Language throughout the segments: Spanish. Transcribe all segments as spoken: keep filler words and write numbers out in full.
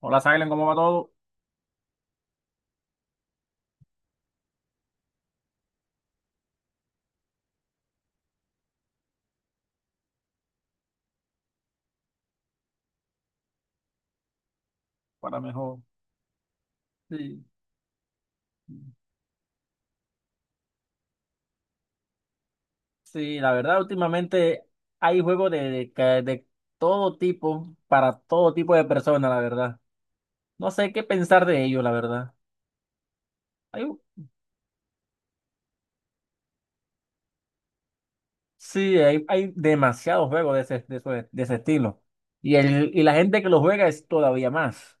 Hola, Silen, ¿cómo va todo? Para mejor. Sí, sí, la verdad, últimamente hay juegos de de, ca- de todo tipo, para todo tipo de personas, la verdad. No sé qué pensar de ellos, la verdad. Hay, sí, hay, hay demasiados juegos de ese, de, ese de ese estilo. Y, el, y la gente que lo juega es todavía más.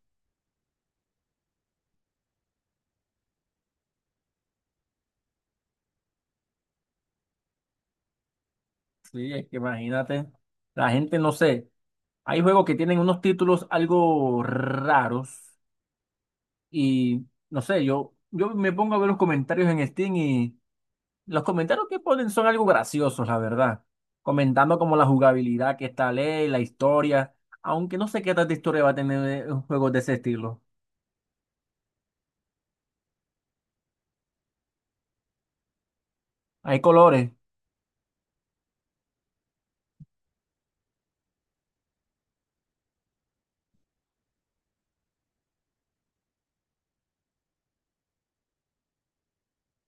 Sí, es que imagínate, la gente no sé. Hay juegos que tienen unos títulos algo raros y no sé, yo, yo me pongo a ver los comentarios en Steam. Los comentarios que ponen son algo graciosos, la verdad. Comentando como la jugabilidad que está ley, la historia. Aunque no sé qué tanta historia va a tener eh, un juego de ese estilo. Hay colores.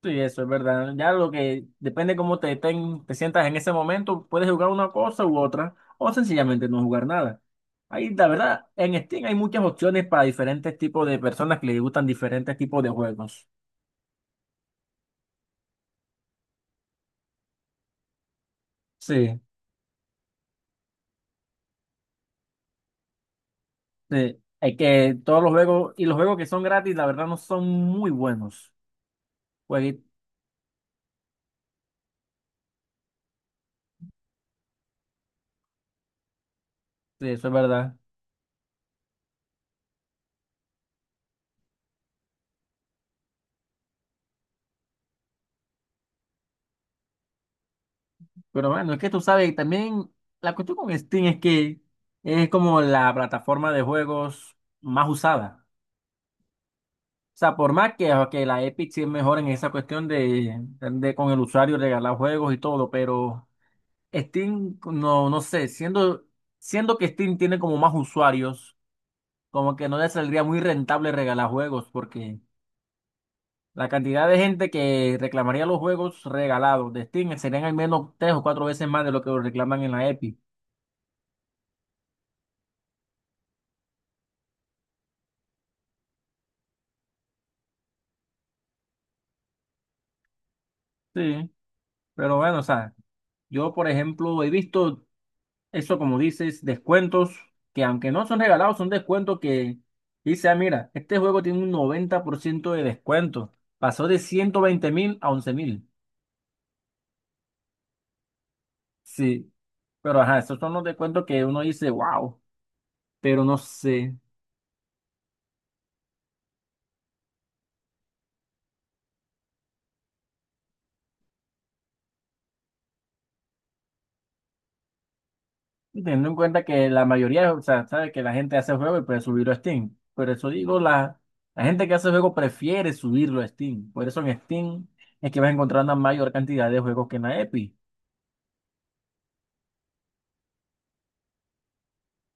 Sí, eso es verdad. Ya lo que depende cómo te, ten- te sientas en ese momento, puedes jugar una cosa u otra, o sencillamente no jugar nada. Ahí, la verdad, en Steam hay muchas opciones para diferentes tipos de personas que les gustan diferentes tipos de juegos. Sí, sí. Hay que todos los juegos, y los juegos que son gratis, la verdad, no son muy buenos. Jueguito, eso es verdad. Pero bueno, es que tú sabes, también la cuestión con Steam es que es como la plataforma de juegos más usada. O sea, por más que, que la Epic sí es mejor en esa cuestión de, de con el usuario regalar juegos y todo, pero Steam, no, no sé, siendo, siendo que Steam tiene como más usuarios, como que no le saldría muy rentable regalar juegos, porque la cantidad de gente que reclamaría los juegos regalados de Steam serían al menos tres o cuatro veces más de lo que lo reclaman en la Epic. Sí, pero bueno, o sea, yo por ejemplo he visto eso como dices, descuentos que aunque no son regalados, son descuentos que dice, ah, mira, este juego tiene un noventa por ciento de descuento. Pasó de ciento veinte mil a once mil. Sí, pero ajá, esos son los descuentos que uno dice, wow, pero no sé. Y teniendo en cuenta que la mayoría, o sea, sabe que la gente hace juego y puede subirlo a Steam. Por eso digo, la, la gente que hace juego prefiere subirlo a Steam. Por eso en Steam es que vas a encontrar una mayor cantidad de juegos que en la Epic.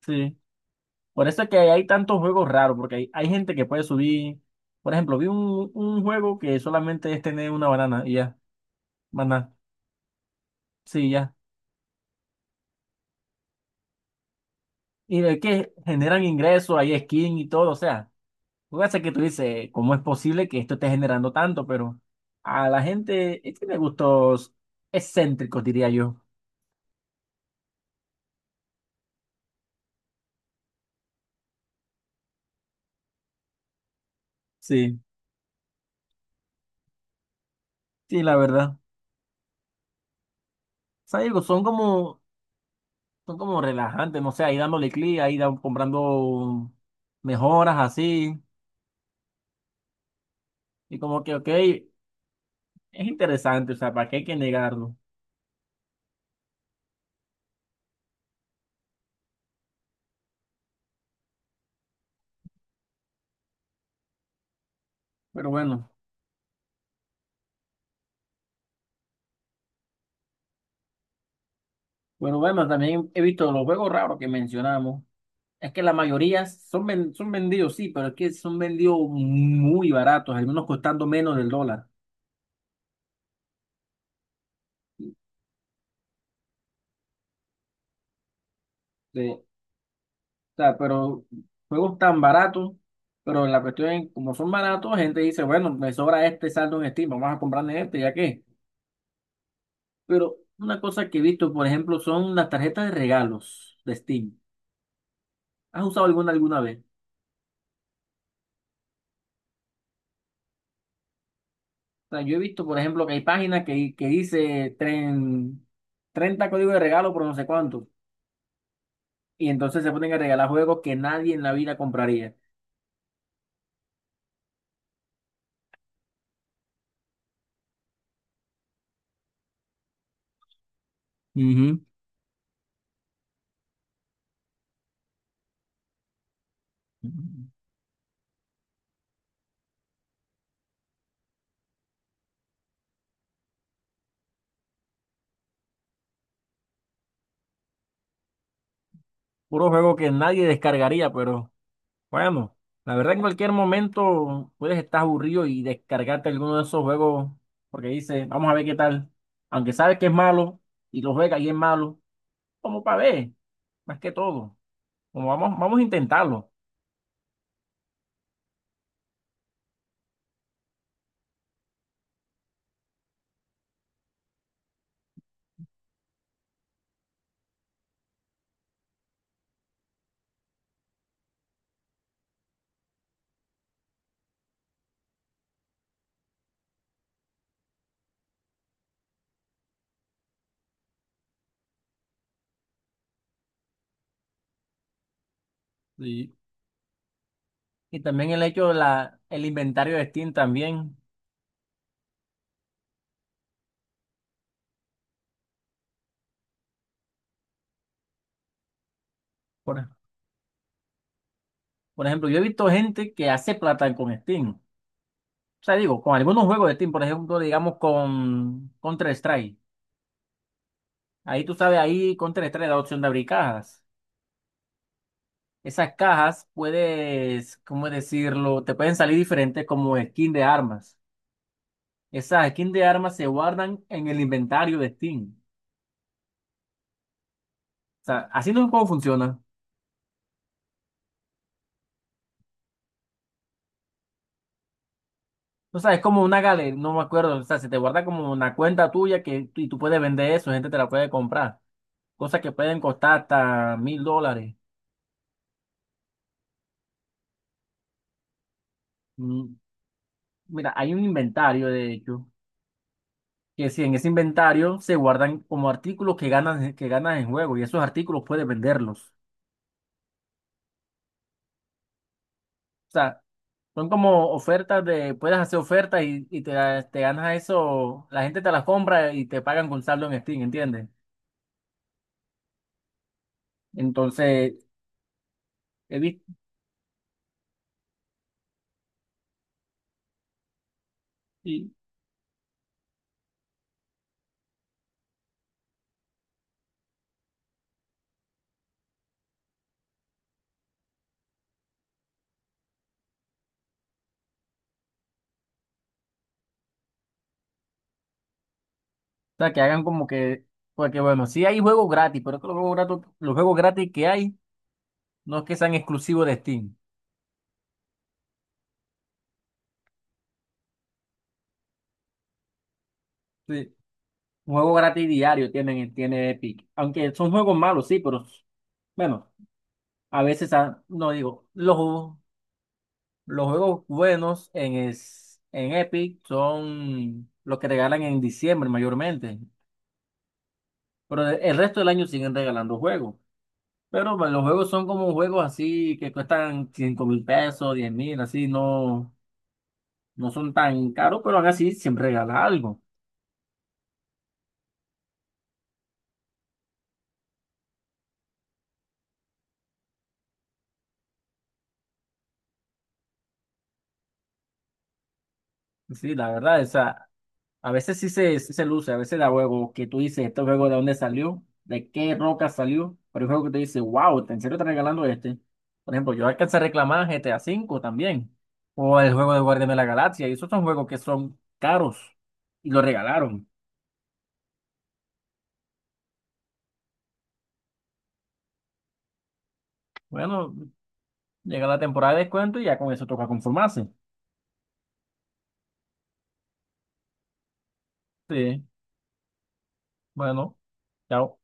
Sí. Por eso es que hay tantos juegos raros, porque hay, hay gente que puede subir. Por ejemplo, vi un, un juego que solamente es tener una banana y ya. Banana. Sí, ya. Y de que generan ingresos, hay skin y todo, o sea. Lo que pasa es que tú dices, ¿cómo es posible que esto esté generando tanto? Pero a la gente es que tiene gustos excéntricos, diría yo. Sí, sí, la verdad. O sea, digo, son como, son como relajantes, no sé, ahí dándole clic, ahí da- comprando mejoras así. Y como que, ok, es interesante, o sea, ¿para qué hay que negarlo? Pero bueno, bueno, bueno, también he visto los juegos raros que mencionamos. Es que la mayoría son, ven- son vendidos, sí, pero es que son vendidos muy baratos, algunos costando menos del dólar. Sí, o sea, pero juegos tan baratos, pero la cuestión es, como son baratos, gente dice, bueno, me sobra este saldo en Steam, vamos a comprarle este, ya qué. Pero una cosa que he visto, por ejemplo, son las tarjetas de regalos de Steam. ¿Has usado alguna alguna vez? O sea, yo he visto, por ejemplo, que hay páginas que, que dice tren, treinta códigos de regalo por no sé cuánto. Y entonces se ponen a regalar juegos que nadie en la vida compraría. Ujú. Puro juego que nadie descargaría, pero bueno, la verdad en cualquier momento puedes estar aburrido y descargarte alguno de esos juegos porque dice, vamos a ver qué tal. Aunque sabes que es malo y lo juegas y es malo, como para ver, más que todo. Como vamos, vamos a intentarlo. Sí. Y también el hecho de la, el inventario de Steam también. Por, por ejemplo, yo he visto gente que hace plata con Steam. O sea, digo, con algunos juegos de Steam, por ejemplo, digamos con Counter-Strike. Ahí tú sabes, ahí Counter-Strike da opción de abrir cajas. Esas cajas puedes, ¿cómo decirlo? Te pueden salir diferentes como skin de armas. Esas skins de armas se guardan en el inventario de Steam. O sea, así no es como funciona. O sea, es como una galería, no me acuerdo. O sea, se te guarda como una cuenta tuya que y tú puedes vender eso, gente te la puede comprar. Cosas que pueden costar hasta mil dólares. Mm, mira, hay un inventario, de hecho, que si en ese inventario se guardan como artículos que ganas, que ganas en juego y esos artículos puedes venderlos. O sea, son como ofertas de, puedes hacer ofertas y, y te, da- te ganas eso, la gente te las compra y te pagan con saldo en Steam, ¿entiendes? Entonces, he visto, y- o sea, que hagan como que, porque bueno, sí hay juegos gratis, pero es que los juegos gratis, los juegos gratis que hay no es que sean exclusivos de Steam. Sí, un juego gratis diario tienen, tiene Epic. Aunque son juegos malos, sí, pero bueno, a veces, ah, no digo, los, Los juegos buenos en, es- en Epic son los que regalan en diciembre mayormente, pero de- el resto del año siguen regalando juegos. Pero bueno, los juegos son como juegos así que cuestan cinco mil pesos, diez mil, así no, no son tan caros, pero aún así siempre regala algo. Sí, la verdad, esa a veces sí se, sí se luce, a veces da juego que tú dices, este juego de dónde salió, de qué roca salió, pero hay juego que tú dices, wow, ¿en serio está regalando este? Por ejemplo, yo alcancé a reclamar G T A cinco también, o el juego de Guardianes de la Galaxia, y esos son juegos que son caros, y lo regalaron. Bueno, llega la temporada de descuento y ya con eso toca conformarse. Sí, bueno, chao.